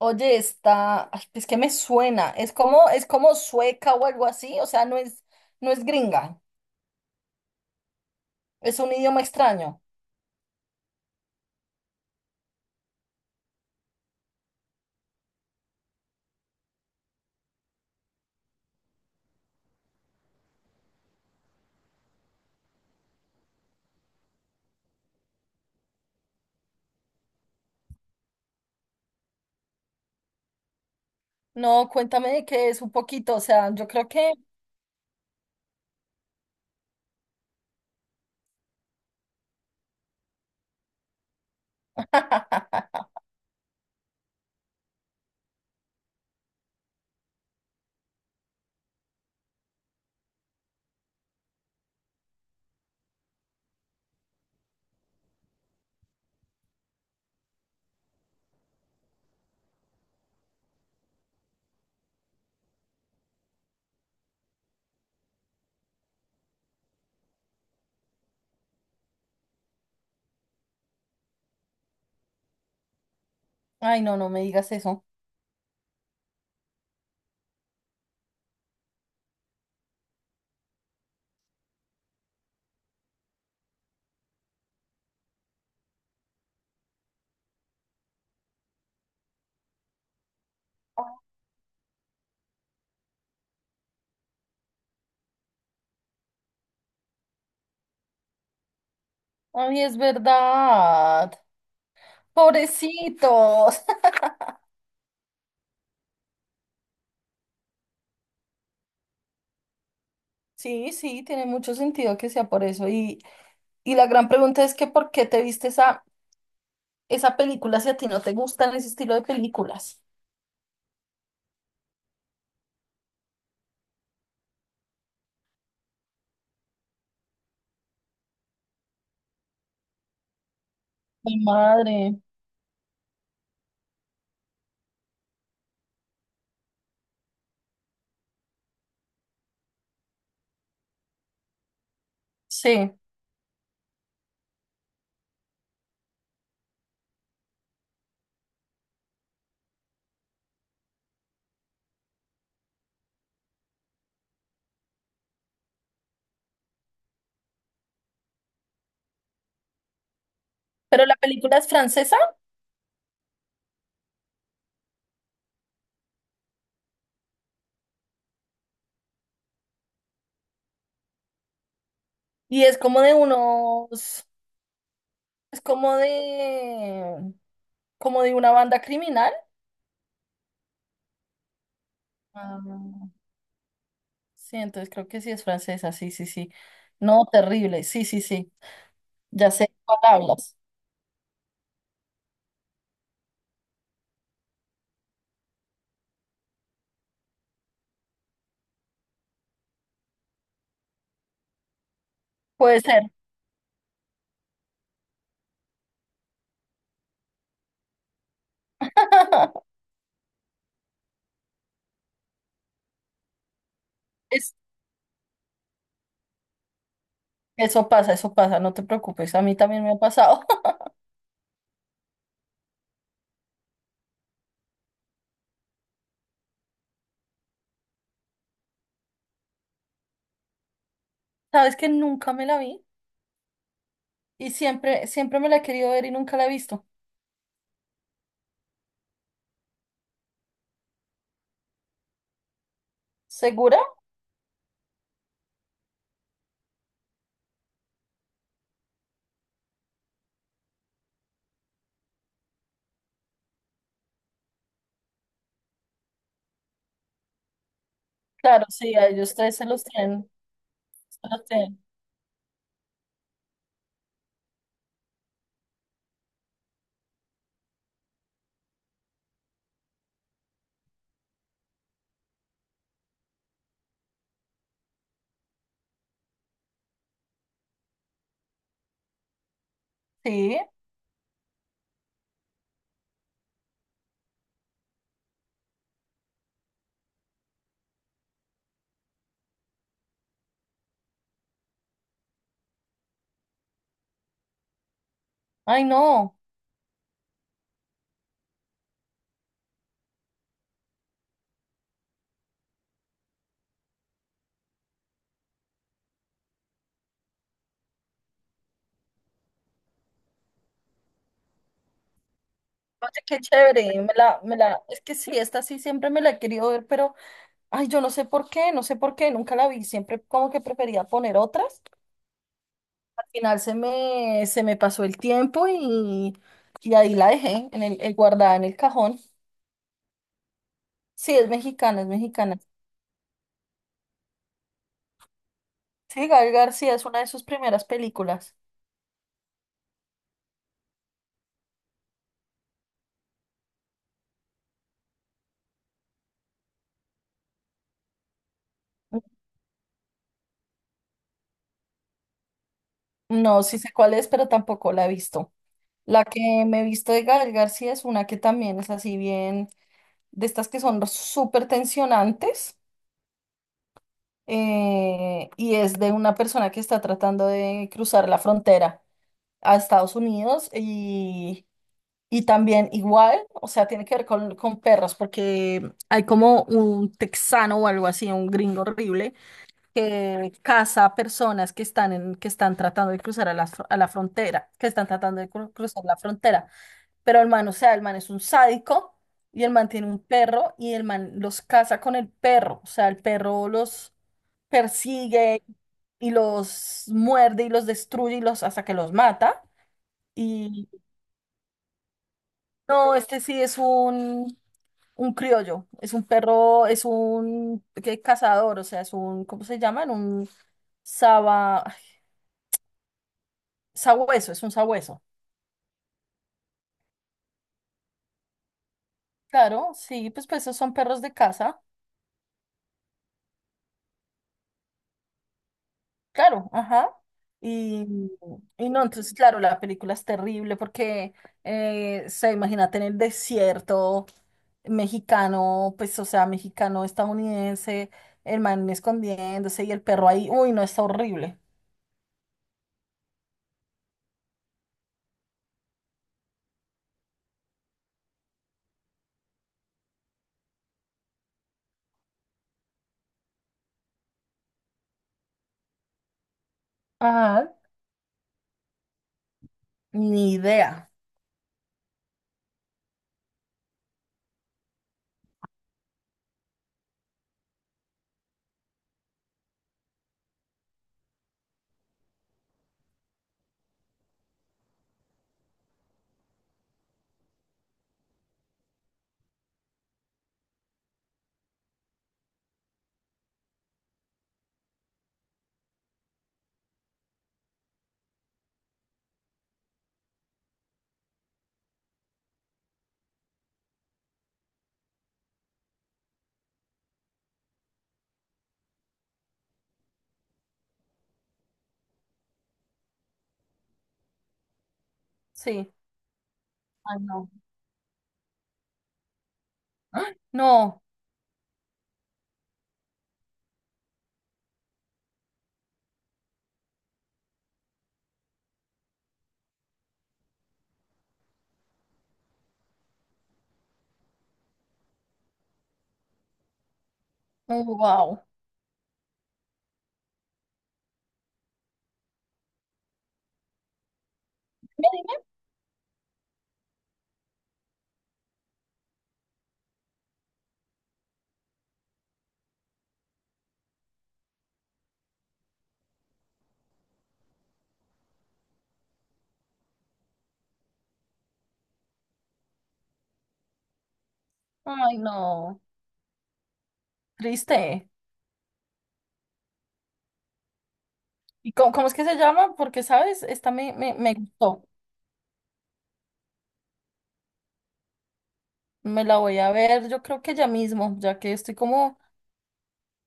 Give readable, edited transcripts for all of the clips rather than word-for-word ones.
Oye, está, ay, es que me suena, es como sueca o algo así, o sea, no es, no es gringa, es un idioma extraño. No, cuéntame de qué es un poquito, o sea, yo creo que, ay, no, no me digas eso. Ay, es verdad, pobrecitos. Sí, sí, tiene mucho sentido que sea por eso. Y la gran pregunta es que ¿por qué te viste esa, esa película si a ti no te gustan ese estilo de películas? Mi madre. Sí, pero la película es francesa. Y es como de unos, es como de una banda criminal. Ah, sí, entonces creo que sí es francesa, sí, sí, sí. No, terrible, sí, sí, sí. Ya sé cuál hablas. Puede ser. Es- Eso pasa, eso pasa, no te preocupes, a mí también me ha pasado. Sabes que nunca me la vi y siempre, siempre me la he querido ver y nunca la he visto. ¿Segura? Claro, sí, a ellos tres se los tienen, se los tienen. Sí. Ay, no. Oye, qué chévere, me la, es que sí, esta sí siempre me la he querido ver, pero, ay, yo no sé por qué, no sé por qué, nunca la vi, siempre como que prefería poner otras. Al final se me pasó el tiempo y ahí la dejé, en el, guardada en el cajón. Sí, es mexicana, es mexicana. Sí, Gael García es una de sus primeras películas. No, sí sé cuál es, pero tampoco la he visto. La que me he visto de Gael García es una que también es así bien, de estas que son súper tensionantes. Y es de una persona que está tratando de cruzar la frontera a Estados Unidos y también igual, o sea, tiene que ver con perros, porque hay como un texano o algo así, un gringo horrible, que caza a personas que están, en, que están tratando de cruzar a la, a la frontera, que están tratando de cruzar la frontera. Pero el man, o sea, el man es un sádico. Y el man tiene un perro y el man los caza con el perro. O sea, el perro los persigue y los muerde y los destruye y los hasta que los mata. Y no, este sí es un criollo, es un perro, es un ¿qué? Cazador, o sea, es un, ¿cómo se llaman? Un saba, ay, sabueso, es un sabueso. Claro, sí, pues, pues esos son perros de caza. Claro, ajá. Y, y no, entonces, claro, la película es terrible porque se imagínate en el desierto mexicano, pues, o sea, mexicano estadounidense, el man escondiéndose y el perro ahí. Uy, no, está horrible. Ajá. Ni idea. Sí. Ay, no. ¡Ah! No. Wow. Ay, no. Triste. ¿Y cómo, cómo es que se llama? Porque, ¿sabes? Esta me, me, me gustó. Me la voy a ver, yo creo que ya mismo, ya que estoy como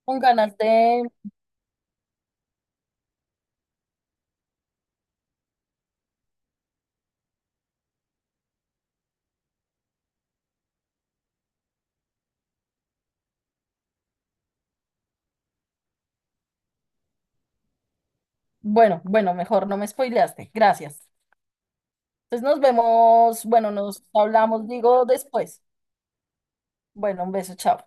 con ganas de... Bueno, bueno, mejor no me spoileaste. Gracias. Entonces nos vemos, bueno, nos hablamos, digo, después. Bueno, un beso, chao.